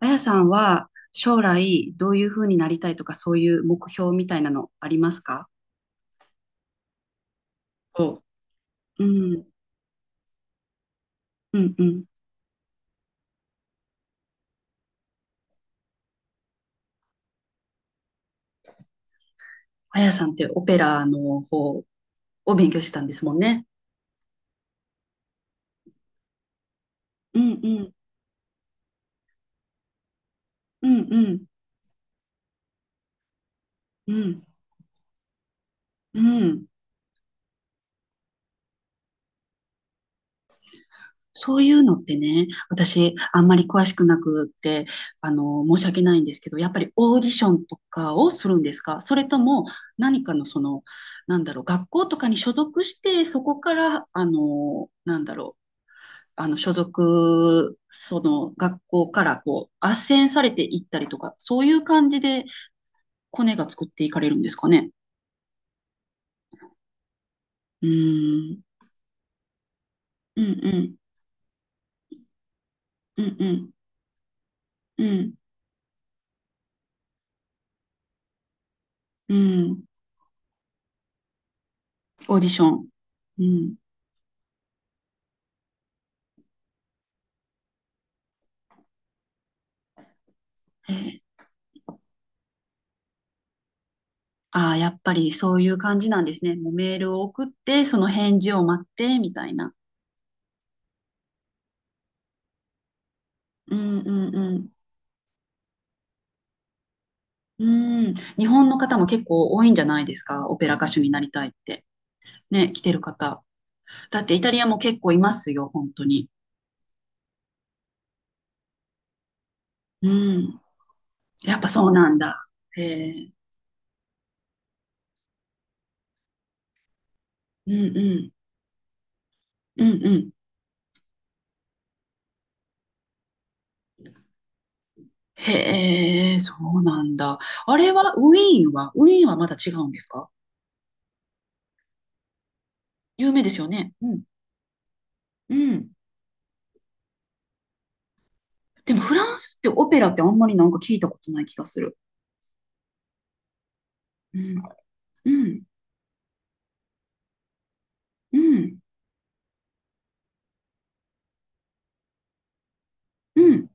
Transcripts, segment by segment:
あやさんは将来どういうふうになりたいとか、そういう目標みたいなのありますか？そう。うん、うん、うん。あやさんってオペラの方を勉強してたんですもんね。うん、うん、うん、うん、うん、うん。そういうのってね、私あんまり詳しくなくって、あの、申し訳ないんですけど、やっぱりオーディションとかをするんですか、それとも何かのその、なんだろう、学校とかに所属して、そこから、あの、なんだろう、あの、所属、その学校からこう、斡旋されていったりとか、そういう感じでコネが作っていかれるんですかね？うーん。うんうん。うんうん。うん。うん。オーディション。うん。えー、ああ、やっぱりそういう感じなんですね。もうメールを送って、その返事を待って、みたいな。うんうんうん。うん。日本の方も結構多いんじゃないですか？オペラ歌手になりたいって。ね、来てる方。だってイタリアも結構いますよ、本当に。うん。やっぱそうなんだ。へえ。うんうん。うんうん。へえ、そうなんだ。あれは、ウィーンは、ウィーンはまだ違うんですか？有名ですよね。うん。うん。でも、フランスってオペラってあんまりなんか聞いたことない気がする。うん。うん。うん。うん。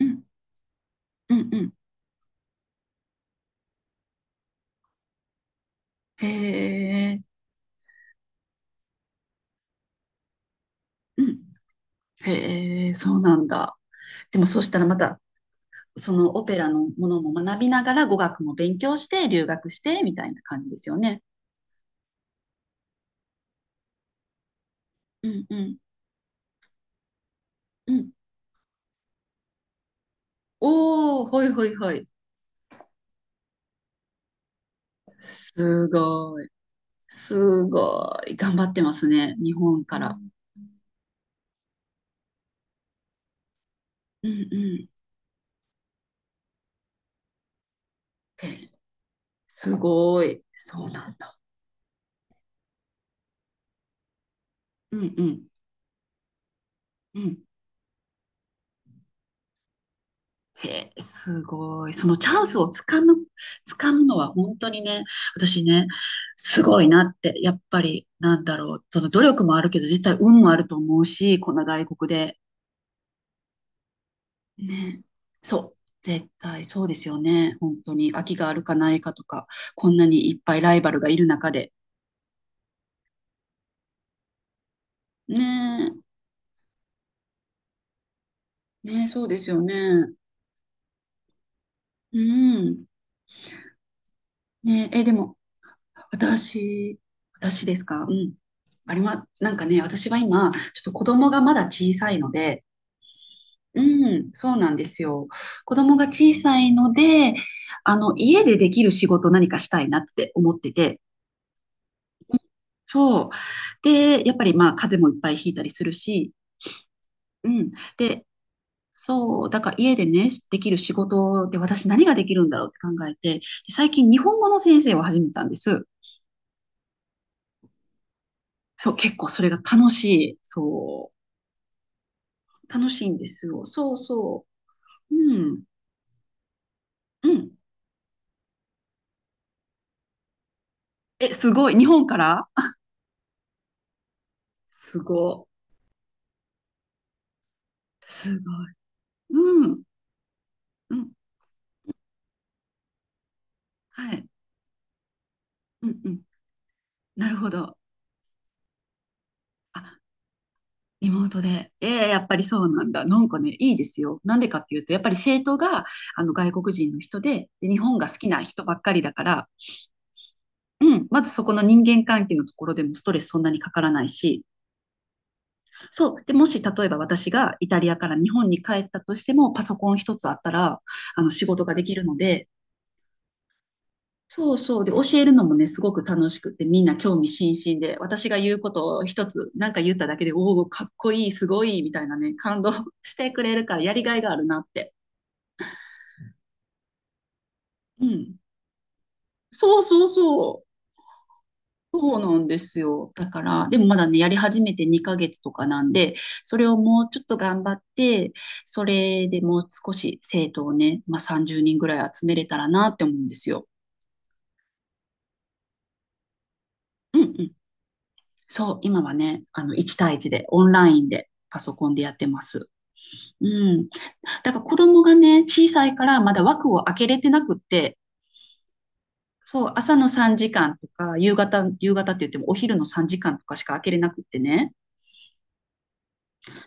うん。うん。うん。へえ。うん。へえ、そうなんだ。でも、そうしたらまた、そのオペラのものも学びながら語学も勉強して、留学して、みたいな感じですよね。うんうんうん。おお、ほいほいほい。すごい。すごい。頑張ってますね。日本から。うんうん。へえ、すごい。そうなんだ。うんうんうん。へえ、すごい。そのチャンスをつかむのは本当にね、私ね、すごいなって、やっぱり、なんだろう、その努力もあるけど、実際運もあると思うし、こんな外国でね。そう。絶対そうですよね。本当に。空きがあるかないかとか、こんなにいっぱいライバルがいる中で。ねえ。ねえ、そうですよね。うん。ねえ、でも、私、私ですか？うん。ありま、なんかね、私は今、ちょっと子供がまだ小さいので、うん、そうなんですよ。子供が小さいので、あの、家でできる仕事何かしたいなって思ってて、そう。で、やっぱりまあ風邪もいっぱいひいたりするし、うん。で、そう、だから家でね、できる仕事で私何ができるんだろうって考えて、で最近日本語の先生を始めたんです。そう、結構それが楽しい。そう、楽しいんですよ。そうそう。うん、うん。え、すごい。日本から すごい。すごい。うん、うん。はい。うん、うん。なるほど。あ、リモートで。ええ、やっぱりそうなんだ。なんかね、いいですよ。なんでかっていうと、やっぱり生徒があの外国人の人で、で、日本が好きな人ばっかりだから、うん、まずそこの人間関係のところでもストレスそんなにかからないし、そう。で、もし例えば私がイタリアから日本に帰ったとしても、パソコン一つあったら、あの仕事ができるので、そうそう。で、教えるのもね、すごく楽しくて、みんな興味津々で、私が言うことを一つ、なんか言っただけで、おお、かっこいい、すごい、みたいなね、感動 してくれるから、やりがいがあるなって。うん。そうそうそう。そうなんですよ。だから、でもまだね、やり始めて2ヶ月とかなんで、それをもうちょっと頑張って、それでもう少し生徒をね、まあ、30人ぐらい集めれたらなって思うんですよ。うんうん。そう、今はね、あの、1対1で、オンラインで、パソコンでやってます。うん。だから子供がね、小さいからまだ枠を開けれてなくって、そう、朝の3時間とか、夕方、夕方って言ってもお昼の3時間とかしか開けれなくってね。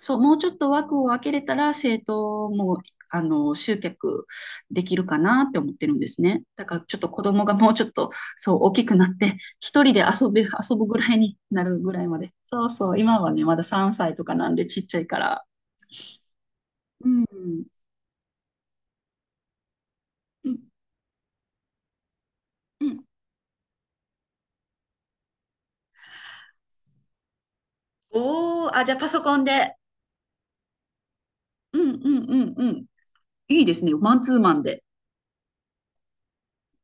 そう、もうちょっと枠を開けれたら、生徒も、あの、集客できるかなって思ってるんですね。だからちょっと子供がもうちょっと、そう、大きくなって、一人で遊ぶぐらいになるぐらいまで。そうそう、今はね、まだ3歳とかなんでちっちゃいから。うん。うん。うん。おー、あ、じゃあパソコンで？うんうんうんうん。いいですね。マンツーマンで。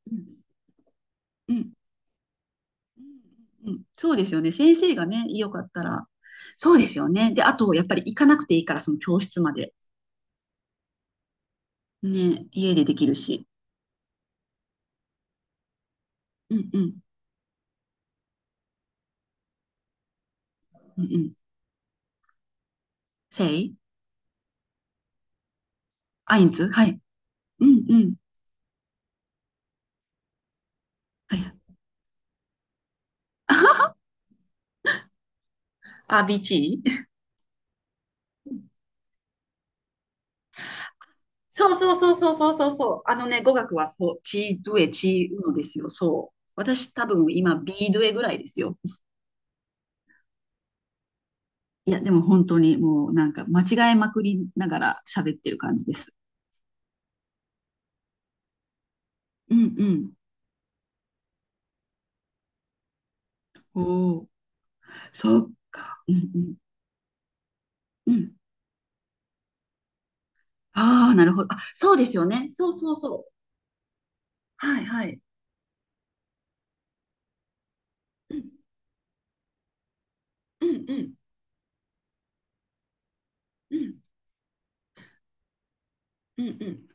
うんうんうんうん。そうですよね。先生がね、よかったら。そうですよね。で、あと、やっぱり行かなくていいから、その教室まで。ね、家でできるし。うんうんうんうん。せいアインツ。はい。うんうん。はい。あ、ビーチー。そうそうそうそうそうそうそう。あのね、語学はそう、チードゥエ、チーウノですよ。そう。私多分今、ビードゥエぐらいですよ。いや、でも本当にもうなんか間違えまくりながら喋ってる感じです。うんうん。おお、そっか。うんうん。うん。ああ、なるほど。あ、そうですよね。そうそうそう。はいはい。うんうんうんうんうんうん。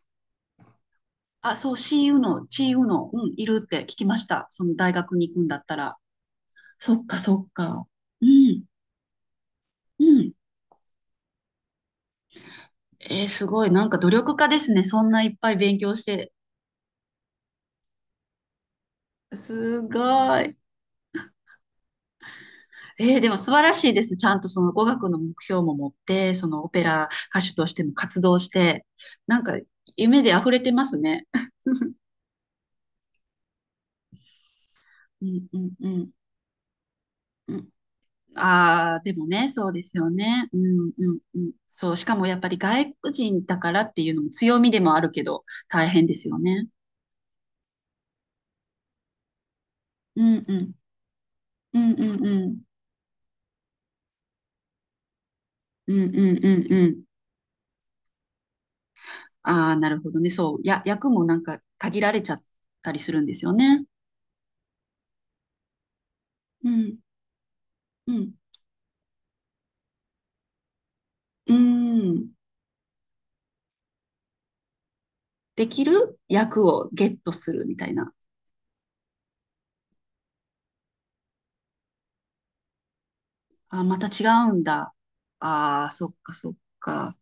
あ、そう、シーウの、チーウの、うん、いるって聞きました。その大学に行くんだったら。そっかそっか。うんうん。えー、すごい。なんか努力家ですね。そんないっぱい勉強して。すごい。えー、でも素晴らしいです。ちゃんとその語学の目標も持って、そのオペラ歌手としても活動して、なんか夢で溢れてますね。うんうんうんうん。ああ、でもね、そうですよね。うんうんうん。そう、しかもやっぱり外国人だからっていうのも強みでもあるけど、大変ですよね。うんうん。うんうんうん。うんうんうんうん。ああ、なるほどね。そう。役もなんか限られちゃったりするんですよね。うん。うん。うん。できる役をゲットするみたいな。あ、また違うんだ。ああ、そっかそっか。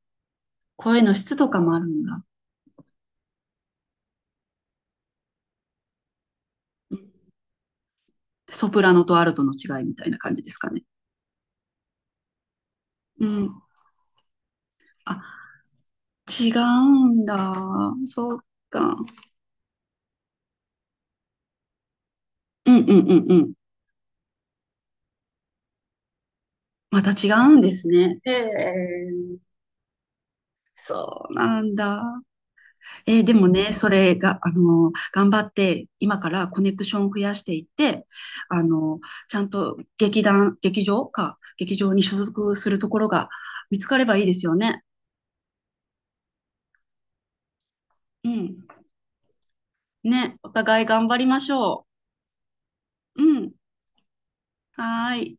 声の質とかもあるんだ。うん。ソプラノとアルトの違いみたいな感じですかね？うん。あ、違うんだ。そっか。うんうんうんうん。また違うんですね。へえ、そうなんだ。でもね、それが、あの、頑張って、今からコネクションを増やしていって、あの、ちゃんと劇場か、劇場に所属するところが見つかればいいですよね。うん。ね、お互い頑張りましょう。うん。はーい。